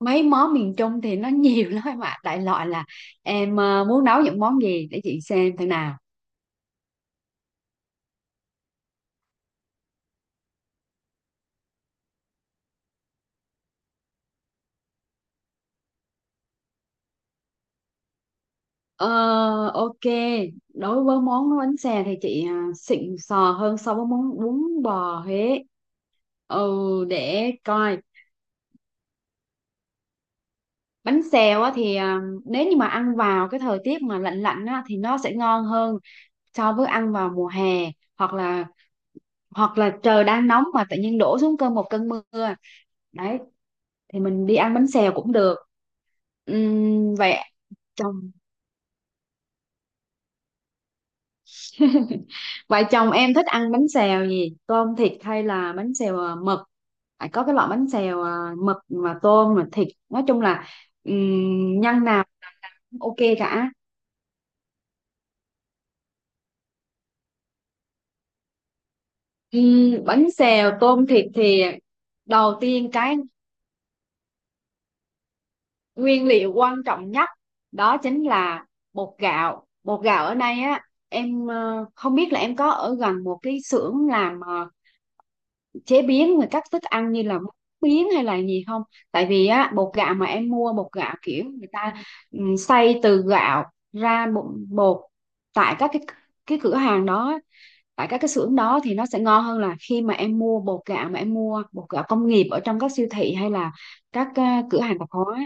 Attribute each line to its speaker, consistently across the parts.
Speaker 1: Mấy món miền Trung thì nó nhiều lắm em ạ, đại loại là em muốn nấu những món gì để chị xem thế nào. ờ, ok. Đối với món bánh xè thì chị xịn sò hơn so với món bún bò Huế. Ừ, để coi. Bánh xèo á thì nếu như mà ăn vào cái thời tiết mà lạnh lạnh á thì nó sẽ ngon hơn so với ăn vào mùa hè, hoặc là hoặc là trời đang nóng mà tự nhiên đổ xuống cơn một cơn mưa đấy, thì mình đi ăn bánh xèo cũng được. Vậy chồng vậy chồng em thích ăn bánh xèo gì, tôm thịt hay là bánh xèo mực? Phải có cái loại bánh xèo mực mà tôm mà thịt, nói chung là nhân nào cũng ok cả. Bánh xèo tôm thịt thì đầu tiên cái nguyên liệu quan trọng nhất đó chính là bột gạo. Bột gạo ở đây á, em không biết là em có ở gần một cái xưởng làm chế biến rồi các thức ăn như là bún biến hay là gì không? Tại vì á, bột gạo mà em mua, bột gạo kiểu người ta xay từ gạo ra bột, bột tại các cái cửa hàng đó, tại các cái xưởng đó thì nó sẽ ngon hơn là khi mà em mua bột gạo, mà em mua bột gạo công nghiệp ở trong các siêu thị hay là các cửa hàng tạp hóa.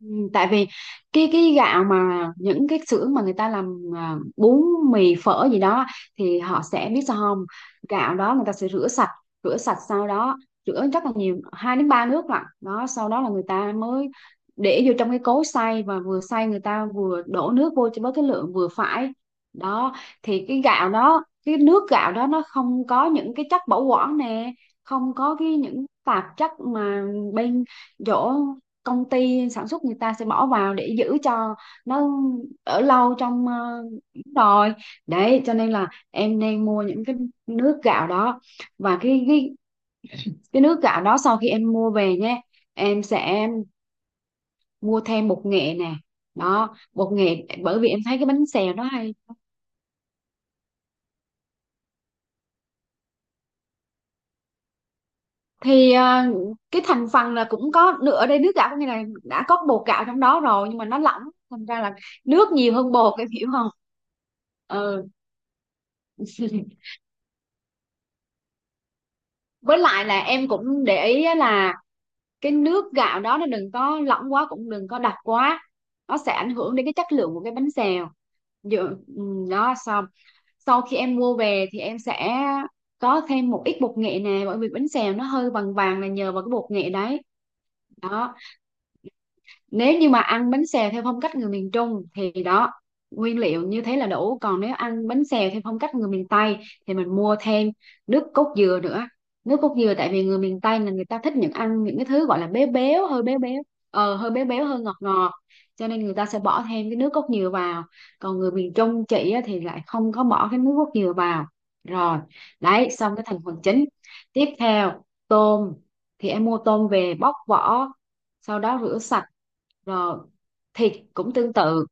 Speaker 1: Ừ, tại vì cái gạo mà những cái xưởng mà người ta làm bún mì phở gì đó, thì họ sẽ biết sao không, gạo đó người ta sẽ rửa sạch, rửa sạch sau đó rửa rất là nhiều, 2 đến 3 nước lận đó, sau đó là người ta mới để vô trong cái cối xay, và vừa xay người ta vừa đổ nước vô cho với cái lượng vừa phải đó, thì cái gạo đó, cái nước gạo đó nó không có những cái chất bảo quản nè, không có cái những tạp chất mà bên chỗ công ty sản xuất người ta sẽ bỏ vào để giữ cho nó ở lâu trong rồi. Đấy cho nên là em nên mua những cái nước gạo đó, và cái nước gạo đó sau khi em mua về nhé, em sẽ mua thêm bột nghệ nè, đó bột nghệ, bởi vì em thấy cái bánh xèo nó hay thì cái thành phần là cũng có nữa. Ở đây nước gạo có nghĩa là đã có bột gạo trong đó rồi, nhưng mà nó lỏng, thành ra là nước nhiều hơn bột, em hiểu không? Ừ. Với lại là em cũng để ý á, là cái nước gạo đó nó đừng có lỏng quá cũng đừng có đặc quá, nó sẽ ảnh hưởng đến cái chất lượng của cái bánh xèo. Dự, ừ, đó xong. Sau khi em mua về thì em sẽ có thêm một ít bột nghệ nè, bởi vì bánh xèo nó hơi vàng vàng là nhờ vào cái bột nghệ đấy đó. Nếu như mà ăn bánh xèo theo phong cách người miền Trung thì đó, nguyên liệu như thế là đủ. Còn nếu ăn bánh xèo theo phong cách người miền Tây thì mình mua thêm nước cốt dừa nữa. Nước cốt dừa tại vì người miền Tây là người ta thích những ăn những cái thứ gọi là béo béo, hơi béo béo hơi béo béo hơi ngọt ngọt, cho nên người ta sẽ bỏ thêm cái nước cốt dừa vào. Còn người miền Trung chị á, thì lại không có bỏ cái nước cốt dừa vào. Rồi, đấy xong cái thành phần chính. Tiếp theo tôm, thì em mua tôm về bóc vỏ sau đó rửa sạch rồi. Thịt cũng tương tự.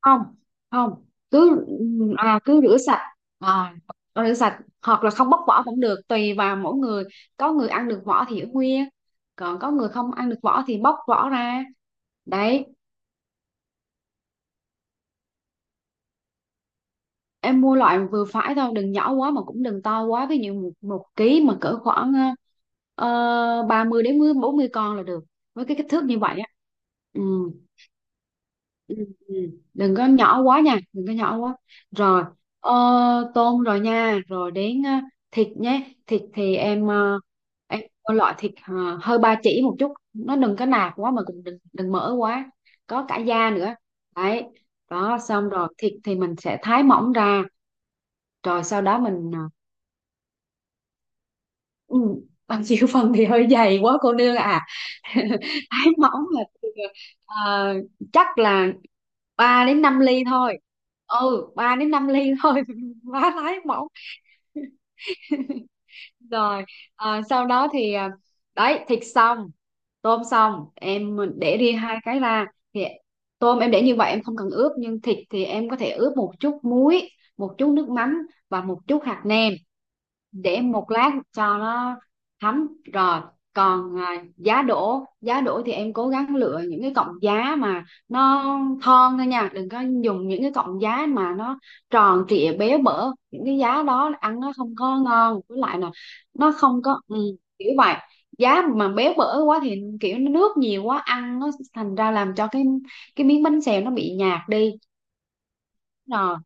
Speaker 1: Không, không, cứ cứ rửa sạch, à, rửa sạch, hoặc là không bóc vỏ cũng được, tùy vào mỗi người. Có người ăn được vỏ thì ở nguyên, còn có người không ăn được vỏ thì bóc vỏ ra. Đấy, em mua loại vừa phải thôi, đừng nhỏ quá mà cũng đừng to quá. Ví dụ một ký mà cỡ khoảng ờ, 30 đến 40 con là được, với cái kích thước như vậy á. Ừ. Ừ, ừ. Đừng có nhỏ quá nha, đừng có nhỏ quá. Rồi, ờ, tôm rồi nha, rồi đến thịt nhé. Thịt thì em em có loại thịt hơi ba chỉ một chút, nó đừng có nạc quá mà cũng đừng đừng mỡ quá, có cả da nữa đấy. Đó, xong rồi thịt thì mình sẽ thái mỏng ra, rồi sau đó mình Ừ, bằng chiều phần thì hơi dày quá cô nương à. Thái mỏng là từ, ờ, chắc là 3 đến 5 ly thôi. Ừ, 3 đến 5 ly thôi, quá thái mỏng. Rồi, sau đó thì đấy, thịt xong, tôm xong, em để riêng hai cái ra. Thì tôm em để như vậy em không cần ướp, nhưng thịt thì em có thể ướp một chút muối, một chút nước mắm và một chút hạt nêm, để một lát cho nó thấm. Rồi, còn giá đỗ, giá đỗ thì em cố gắng lựa những cái cọng giá mà nó thon thôi nha, đừng có dùng những cái cọng giá mà nó tròn trịa béo bở, những cái giá đó ăn nó không có ngon, với lại là nó không có ừ, kiểu vậy. Giá mà béo bở quá thì kiểu nó nước nhiều quá, ăn nó thành ra làm cho cái miếng bánh xèo nó bị nhạt đi. Rồi.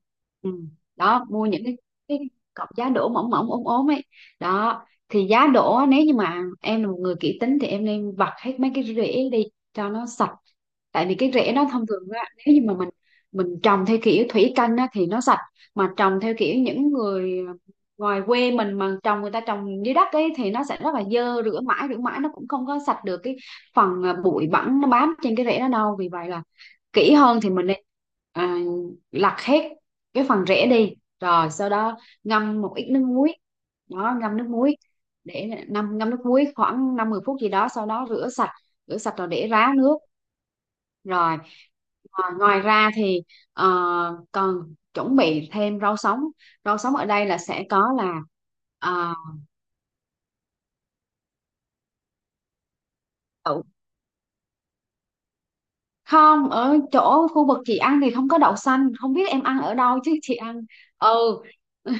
Speaker 1: Ừ. Đó, mua những cái cọc giá đỗ mỏng mỏng ốm ốm ấy đó. Thì giá đỗ á, nếu như mà em là một người kỹ tính thì em nên vặt hết mấy cái rễ đi cho nó sạch. Tại vì cái rễ nó thông thường á, nếu như mà mình trồng theo kiểu thủy canh á thì nó sạch, mà trồng theo kiểu những người ngoài quê mình mà trồng, người ta trồng dưới đất ấy, thì nó sẽ rất là dơ, rửa mãi nó cũng không có sạch được cái phần bụi bẩn nó bám trên cái rễ đó đâu. Vì vậy là kỹ hơn thì mình nên à, lặt hết cái phần rễ đi, rồi sau đó ngâm một ít nước muối. Đó, ngâm nước muối, để ngâm ngâm nước muối khoảng năm 10 phút gì đó, sau đó rửa sạch, rửa sạch rồi để ráo nước. Rồi, ngoài ra thì ờ, còn chuẩn bị thêm rau sống. Rau sống ở đây là sẽ có là à, đậu. Không, ở chỗ khu vực chị ăn thì không có đậu xanh, không biết em ăn ở đâu chứ chị ăn, ừ.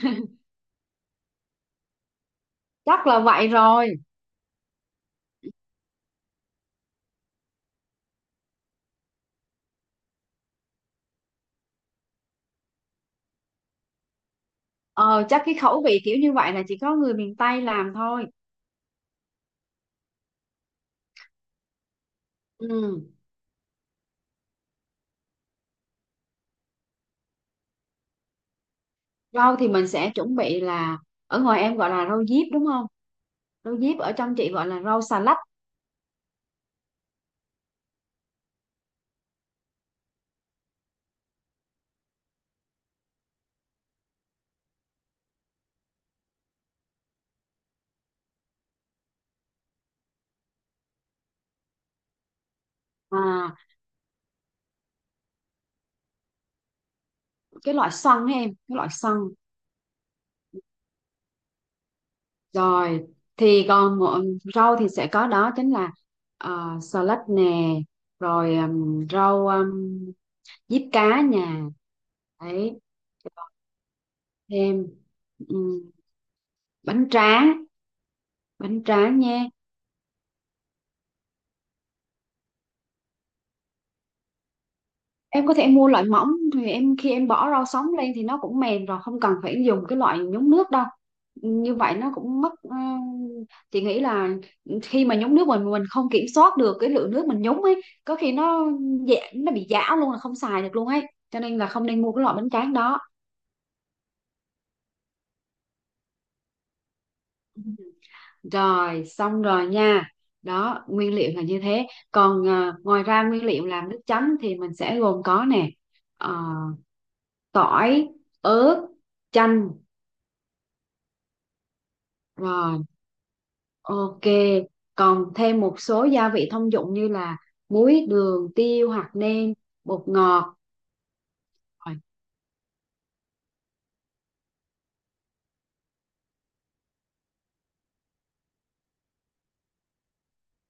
Speaker 1: Chắc là vậy rồi. Ờ, chắc cái khẩu vị kiểu như vậy là chỉ có người miền Tây làm thôi. Ừ. Rau thì mình sẽ chuẩn bị là, ở ngoài em gọi là rau diếp đúng không? Rau diếp ở trong chị gọi là rau xà lách. À, cái loại xoăn ấy em, cái loại xoăn. Rồi, thì còn một- rau thì sẽ có đó chính là xà lách nè, rồi rau diếp cá nhà. Đấy, thêm ừ, bánh tráng, bánh tráng nha. Em có thể mua loại mỏng, thì em khi em bỏ rau sống lên thì nó cũng mềm rồi, không cần phải dùng cái loại nhúng nước đâu. Như vậy nó cũng mất chị nghĩ là khi mà nhúng nước mình không kiểm soát được cái lượng nước mình nhúng ấy, có khi nó dẻ, nó bị giã luôn là không xài được luôn ấy, cho nên là không nên mua cái loại bánh tráng đó. Ừ. Rồi, xong rồi nha, đó nguyên liệu là như thế. Còn ngoài ra nguyên liệu làm nước chấm thì mình sẽ gồm có nè: ờ, tỏi, ớt, chanh, rồi. Ok, còn thêm một số gia vị thông dụng như là muối, đường, tiêu, hạt nêm, bột ngọt. Rồi,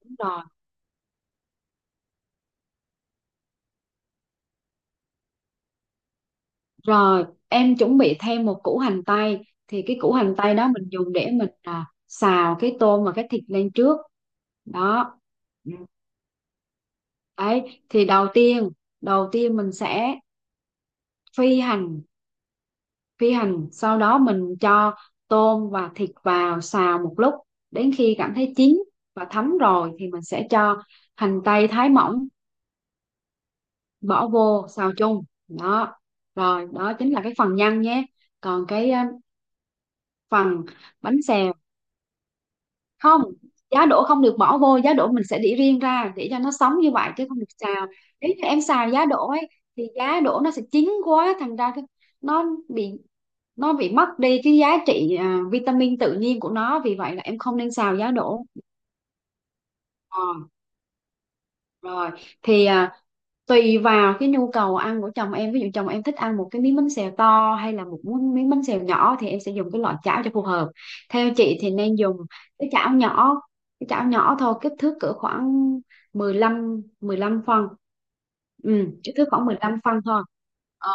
Speaker 1: đúng rồi. Rồi, em chuẩn bị thêm một củ hành tây. Thì cái củ hành tây đó mình dùng để mình xào cái tôm và cái thịt lên trước. Đó. Ừ. Đấy, thì đầu tiên mình sẽ phi hành phi hành sau đó mình cho tôm và thịt vào xào một lúc đến khi cảm thấy chín và thấm rồi thì mình sẽ cho hành tây thái mỏng bỏ vô xào chung đó. Rồi đó chính là cái phần nhân nhé. Còn cái phần bánh xèo không, giá đỗ không được bỏ vô, giá đỗ mình sẽ để riêng ra để cho nó sống như vậy chứ không được xào. Nếu như em xào giá đỗ ấy thì giá đỗ nó sẽ chín quá, thành ra cái nó bị nó bị mất đi cái giá trị vitamin tự nhiên của nó, vì vậy là em không nên xào giá đỗ. Ờ, rồi thì tùy vào cái nhu cầu ăn của chồng em, ví dụ chồng em thích ăn một cái miếng bánh xèo to hay là một miếng miếng bánh xèo nhỏ thì em sẽ dùng cái loại chảo cho phù hợp. Theo chị thì nên dùng cái chảo nhỏ, cái chảo nhỏ thôi, kích thước cỡ khoảng mười lăm phân. Ừ, kích thước khoảng 15 phân thôi. Ờ,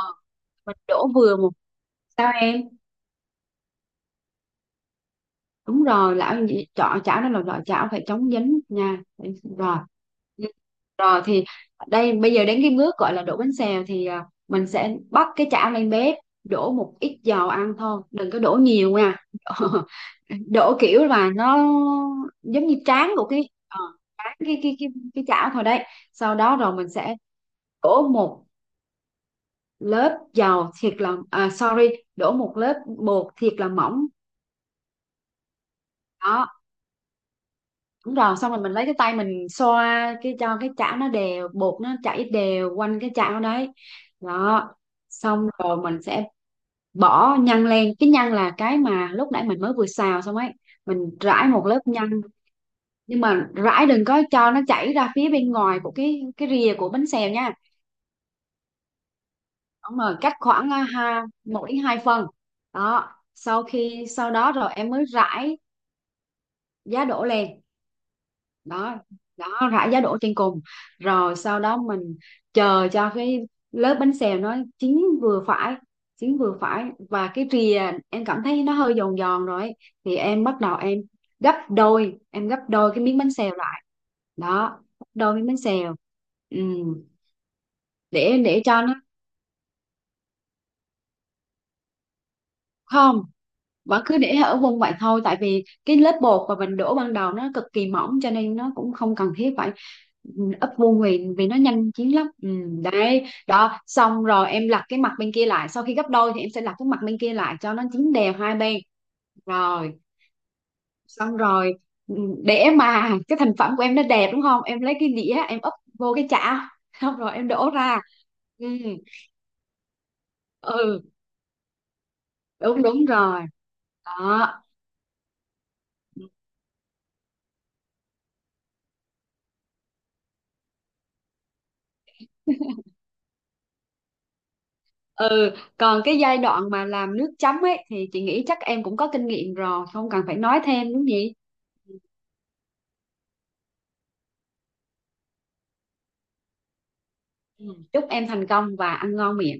Speaker 1: mình đổ vừa một, sao em? Đúng rồi, lão nhị- chảo chảo đây là loại chảo phải chống dính nha. Đấy, rồi. Ừ. Rồi thì đây, bây giờ đến cái bước gọi là đổ bánh xèo thì mình sẽ bắt cái chảo lên bếp, đổ một ít dầu ăn thôi, đừng có đổ nhiều nha. Đổ kiểu là nó giống như tráng của cái tráng cái cái chảo thôi đấy. Sau đó rồi mình sẽ đổ một lớp dầu thiệt là sorry, đổ một lớp bột thiệt là mỏng. Đó, đúng rồi, xong rồi mình lấy cái tay mình xoa cái cho cái chảo nó đều, bột nó chảy đều quanh cái chảo đấy. Đó, xong rồi mình sẽ bỏ nhân lên, cái nhân là cái mà lúc nãy mình mới vừa xào xong ấy. Mình rải một lớp nhân, nhưng mà rải đừng có cho nó chảy ra phía bên ngoài của cái rìa của bánh xèo nha. Xong rồi cắt khoảng ha 1 đến 2 phần. Đó, sau khi sau đó rồi em mới rải giá đỗ lên. Đó, đó, rải giá đỗ trên cùng. Rồi sau đó mình chờ cho cái lớp bánh xèo nó chín vừa phải, chín vừa phải, và cái rìa em cảm thấy nó hơi giòn giòn rồi ấy, thì em bắt đầu em gấp đôi, em gấp đôi cái miếng bánh xèo lại. Đó, gấp đôi miếng bánh xèo. Ừ. Để cho nó không, vẫn cứ để ở vùng vậy thôi, tại vì cái lớp bột mà mình đổ ban đầu nó cực kỳ mỏng cho nên nó cũng không cần thiết phải. Ừ, ấp vô nguyền vì nó nhanh chín lắm. Ừ, đấy đó, xong rồi em lật cái mặt bên kia lại, sau khi gấp đôi thì em sẽ lật cái mặt bên kia lại cho nó chín đều hai bên. Rồi, xong rồi, ừ, để mà cái thành phẩm của em nó đẹp đúng không, em lấy cái đĩa em úp vô cái chảo, xong rồi em đổ ra. Ừ, ừ, đúng đúng rồi đó. Ừ, còn cái giai đoạn mà làm nước chấm ấy thì chị nghĩ chắc em cũng có kinh nghiệm rồi, không cần phải nói thêm đúng gì. Ừ, chúc em thành công và ăn ngon miệng.